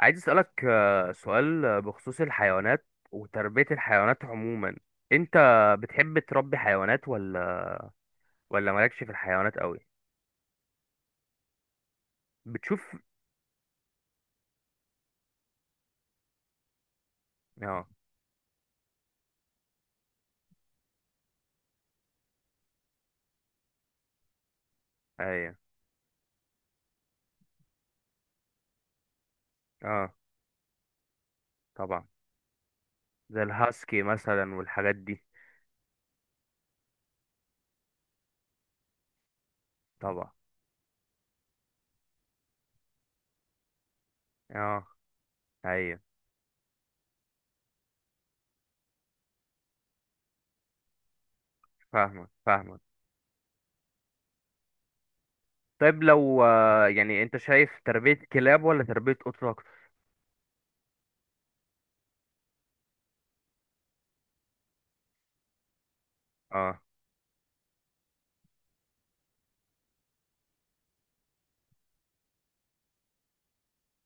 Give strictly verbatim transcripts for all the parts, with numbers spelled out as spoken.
عايز اسألك آه، سؤال آه، بخصوص الحيوانات وتربية الحيوانات عموما. انت بتحب تربي حيوانات ولا ولا مالكش في الحيوانات قوي؟ بتشوف. اه. ايوه. اه، طبعا. زي الهاسكي مثلا والحاجات دي. طبعا. اه. ايوه. فاهمك فاهمك. طيب لو آه، يعني انت شايف تربية كلاب ولا تربية قطط اكتر؟ اه.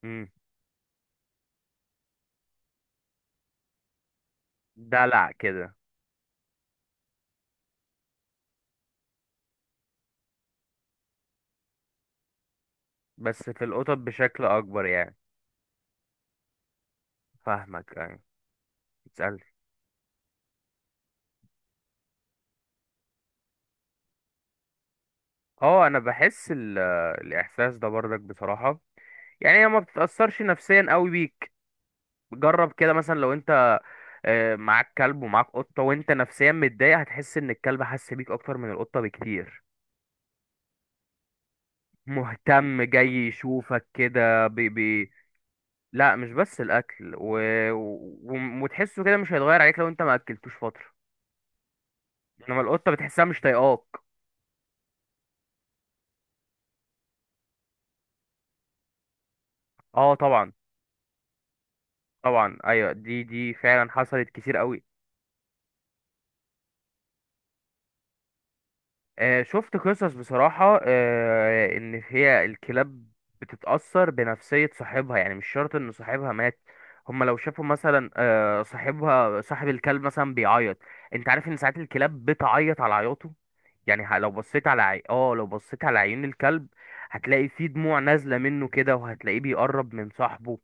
امم. دلع كده. بس في القطط بشكل اكبر يعني. فاهمك، ايوه. تسأل. اه، انا بحس ال- الاحساس ده برضك بصراحه، يعني هي ما بتتاثرش نفسيا قوي بيك. جرب كده مثلا، لو انت آه، معاك كلب ومعاك قطه وانت نفسيا متضايق، هتحس ان الكلب حس بيك اكتر من القطه بكتير. مهتم، جاي يشوفك كده بي بي. لا، مش بس الاكل و... و... وتحسه كده، مش هيتغير عليك لو انت ما اكلتوش فتره. انما القطه بتحسها مش طايقاك. اه، طبعا. طبعا، ايوه، دي دي فعلا حصلت كتير قوي. آه، شفت قصص بصراحة، آه، إن هي الكلاب بتتأثر بنفسية صاحبها، يعني مش شرط إن صاحبها مات. هما لو شافوا مثلا آه، صاحبها صاحب الكلب مثلا بيعيط. أنت عارف إن ساعات الكلاب بتعيط على عياطه. يعني ه- لو بصيت على عي... آه لو بصيت على عيون الكلب، هتلاقي فيه دموع نازلة منه كده، وهتلاقيه بيقرب من صاحبه.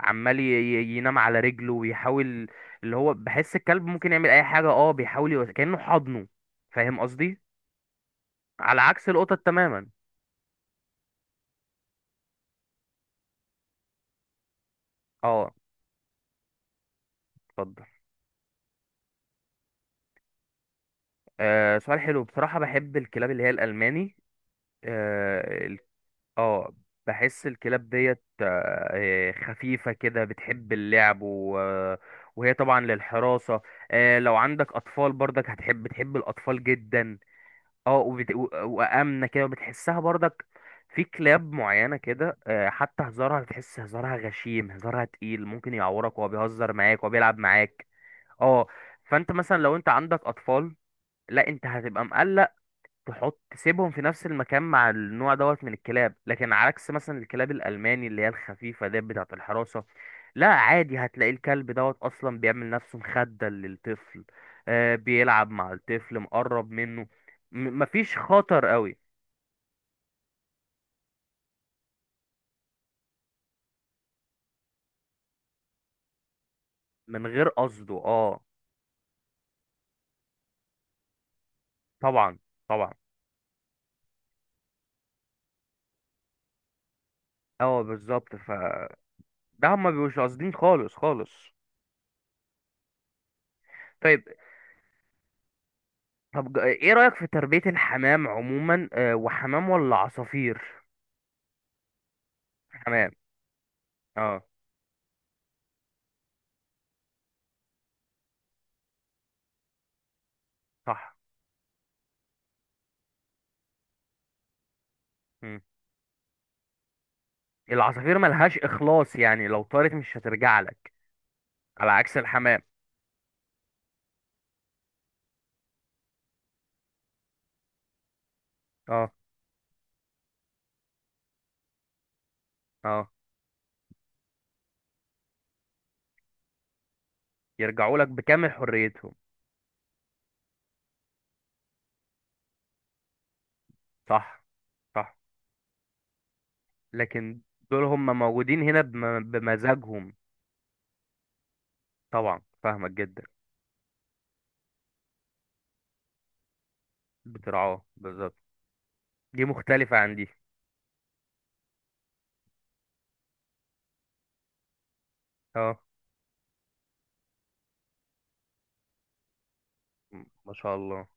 عمال ي... ي- ينام على رجله ويحاول، اللي هو بحس الكلب ممكن يعمل أي حاجة. آه بيحاول يو... كأنه حضنه. فاهم قصدي؟ على عكس القطط تماما. اه. اتفضل. آه سؤال حلو بصراحة. بحب الكلاب اللي هي الألماني. اه ال- آه، بحس الكلاب ديت آه، آه، خفيفة كده، بتحب اللعب، و... آه، وهي طبعا للحراسة. آه لو عندك أطفال برضك هتحب، بتحب الأطفال جدا. اه، وبت... و... وآمنة كده وبتحسها برضك. في كلاب معينة كده آه حتى هزارها، بتحس هزارها غشيم، هزارها تقيل، ممكن يعورك وهو بيهزر معاك وهو بيلعب معاك. اه. فانت مثلا لو انت عندك اطفال، لا انت هتبقى مقلق تحط تسيبهم في نفس المكان مع النوع دوت من الكلاب. لكن على عكس مثلا الكلاب الالماني اللي هي الخفيفه ديت بتاعه الحراسه، لا عادي، هتلاقي الكلب دوت اصلا بيعمل نفسه مخده للطفل. آه بيلعب مع الطفل، مقرب منه. م- مفيش خطر قوي، من غير قصده. اه، طبعا. طبعا. اه، بالظبط، فده هما مش قاصدين خالص خالص. طيب. طب ج- ايه رأيك في تربية الحمام عموما، آه، وحمام ولا عصافير؟ حمام. اه، صح. مم. العصافير ملهاش إخلاص، يعني لو طارت مش هترجع لك، على عكس الحمام. اه. اه. يرجعوا لك بكامل حريتهم. صح. صح، لكن دول هم موجودين هنا بم- بمزاجهم. طبعا، فاهمك جدا. بترعاه بالظبط. دي مختلفة عن دي. اه. م- ما شاء الله.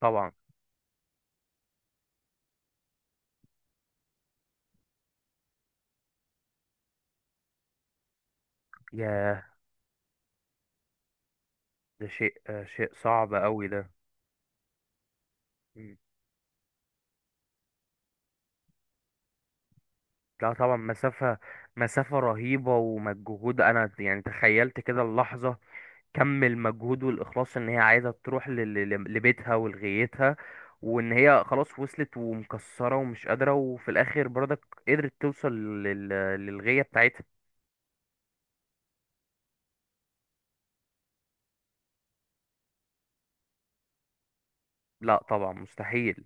طبعا. ياه. ده شيء آه، شيء صعب قوي ده. لا طبعا، مسافة. مسافة رهيبة ومجهود، أنا يعني تخيلت كده اللحظة كم المجهود والإخلاص، إن هي عايزة تروح ل- ل- ل- لبيتها ولغايتها، وإن هي خلاص وصلت ومكسرة ومش قادرة، وفي الآخر برضك قدرت توصل لل- للغاية بتاعتها. لا طبعا، مستحيل.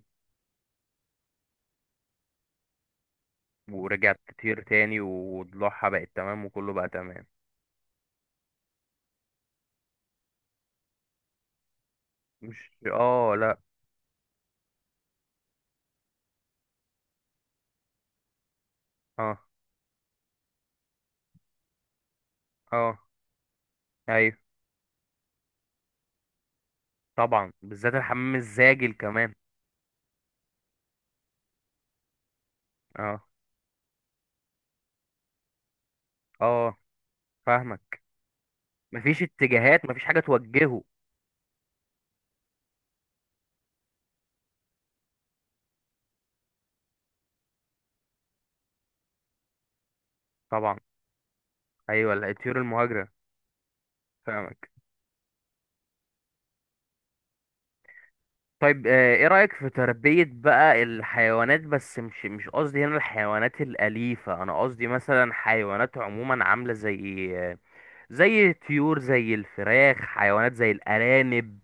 ورجعت تطير تاني وضلوعها بقت تمام وكله بقى تمام. مش. اه. لا. اه. اه. ايوه، طبعا، بالذات الحمام الزاجل كمان. اه. اه. فاهمك. مفيش اتجاهات، مفيش حاجة توجهه. طبعا. أيوة، ال- الطيور المهاجرة. فاهمك. طيب، آه، ايه رأيك في تربية بقى الحيوانات؟ بس مش مش قصدي هنا الحيوانات الأليفة، أنا قصدي مثلا حيوانات عموما عاملة زي آه، زي الطيور، زي الفراخ، حيوانات زي الأرانب.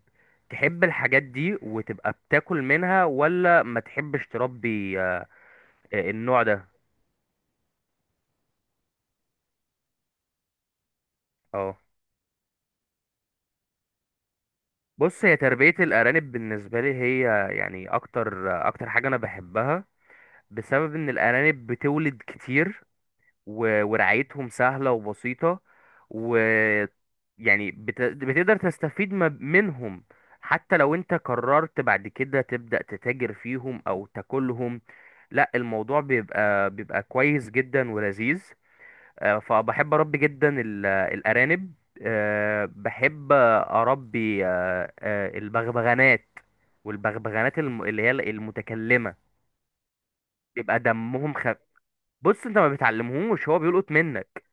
تحب الحاجات دي وتبقى بتاكل منها ولا ما تحبش تربي آه، آه، النوع ده؟ اه. بص، هي تربية الأرانب بالنسبة لي، هي يعني أكتر أكتر حاجة أنا بحبها، بسبب ان الارانب بتولد كتير و- ورعايتهم سهلة وبسيطة، و، يعني بت... بتقدر تستفيد ما- منهم. حتى لو انت قررت بعد كده تبدأ تتاجر فيهم او تاكلهم، لا، الموضوع بيبقى، بيبقى كويس جدا ولذيذ. آه، فبحب اربي جدا ال- الارانب. آه، بحب اربي آه، آه، البغبغانات، والبغبغانات الم- اللي هي المتكلمة. بيبقى دمهم خفيف. بص، انت ما بتعلمهوش، هو بيلقط منك.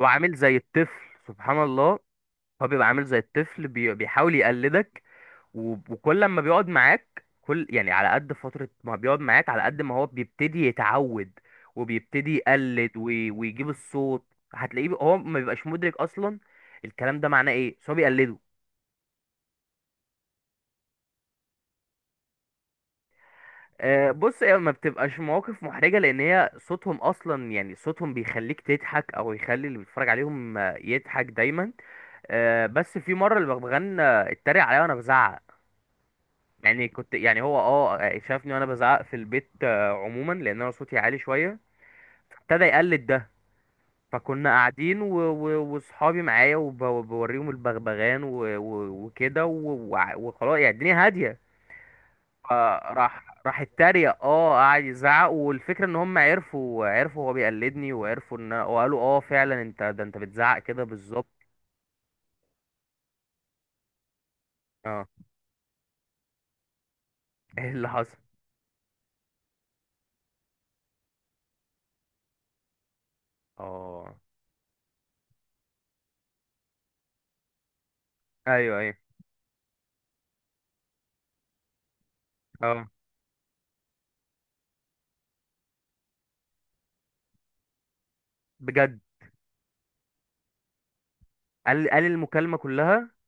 هو عامل زي الطفل، سبحان الله. هو بيبقى عامل زي الطفل، بي... بيحاول يقلدك، و... وكل ما بيقعد معاك، كل يعني على قد فترة ما بيقعد معاك، على قد ما هو بيبتدي يتعود وبيبتدي يقلد وي... ويجيب الصوت. هتلاقيه ب- هو ما بيبقاش مدرك اصلا الكلام ده معناه ايه، بس هو بيقلده. آه، بص، هي ما بتبقاش مواقف محرجة، لأن هي صوتهم أصلا، يعني صوتهم بيخليك تضحك، أو يخلي اللي بيتفرج عليهم آه، يضحك دايما. آه، بس في مره البغبغان آه، اتريق عليا وانا بزعق. يعني كنت يعني هو اه آه، شافني وانا بزعق في البيت آه، عموما، لان انا صوتي عالي شويه، فابتدى يقلد ده. فكنا قاعدين و- و- واصحابي معايا وب- وبوريهم البغبغان و- و- وكده و- وع- وخلاص، يعني الدنيا هاديه، فراح راح اتريق. اه، قعد يزعق. والفكره ان هم عرفوا عرفوا هو بيقلدني، وعرفوا ان أنا- وقالوا: اه، فعلا، انت ده انت بتزعق كده بالظبط. اه. ايه اللي حصل؟ اه. ايوه. ايوه. آه. بجد؟ قال قال المكالمة كلها.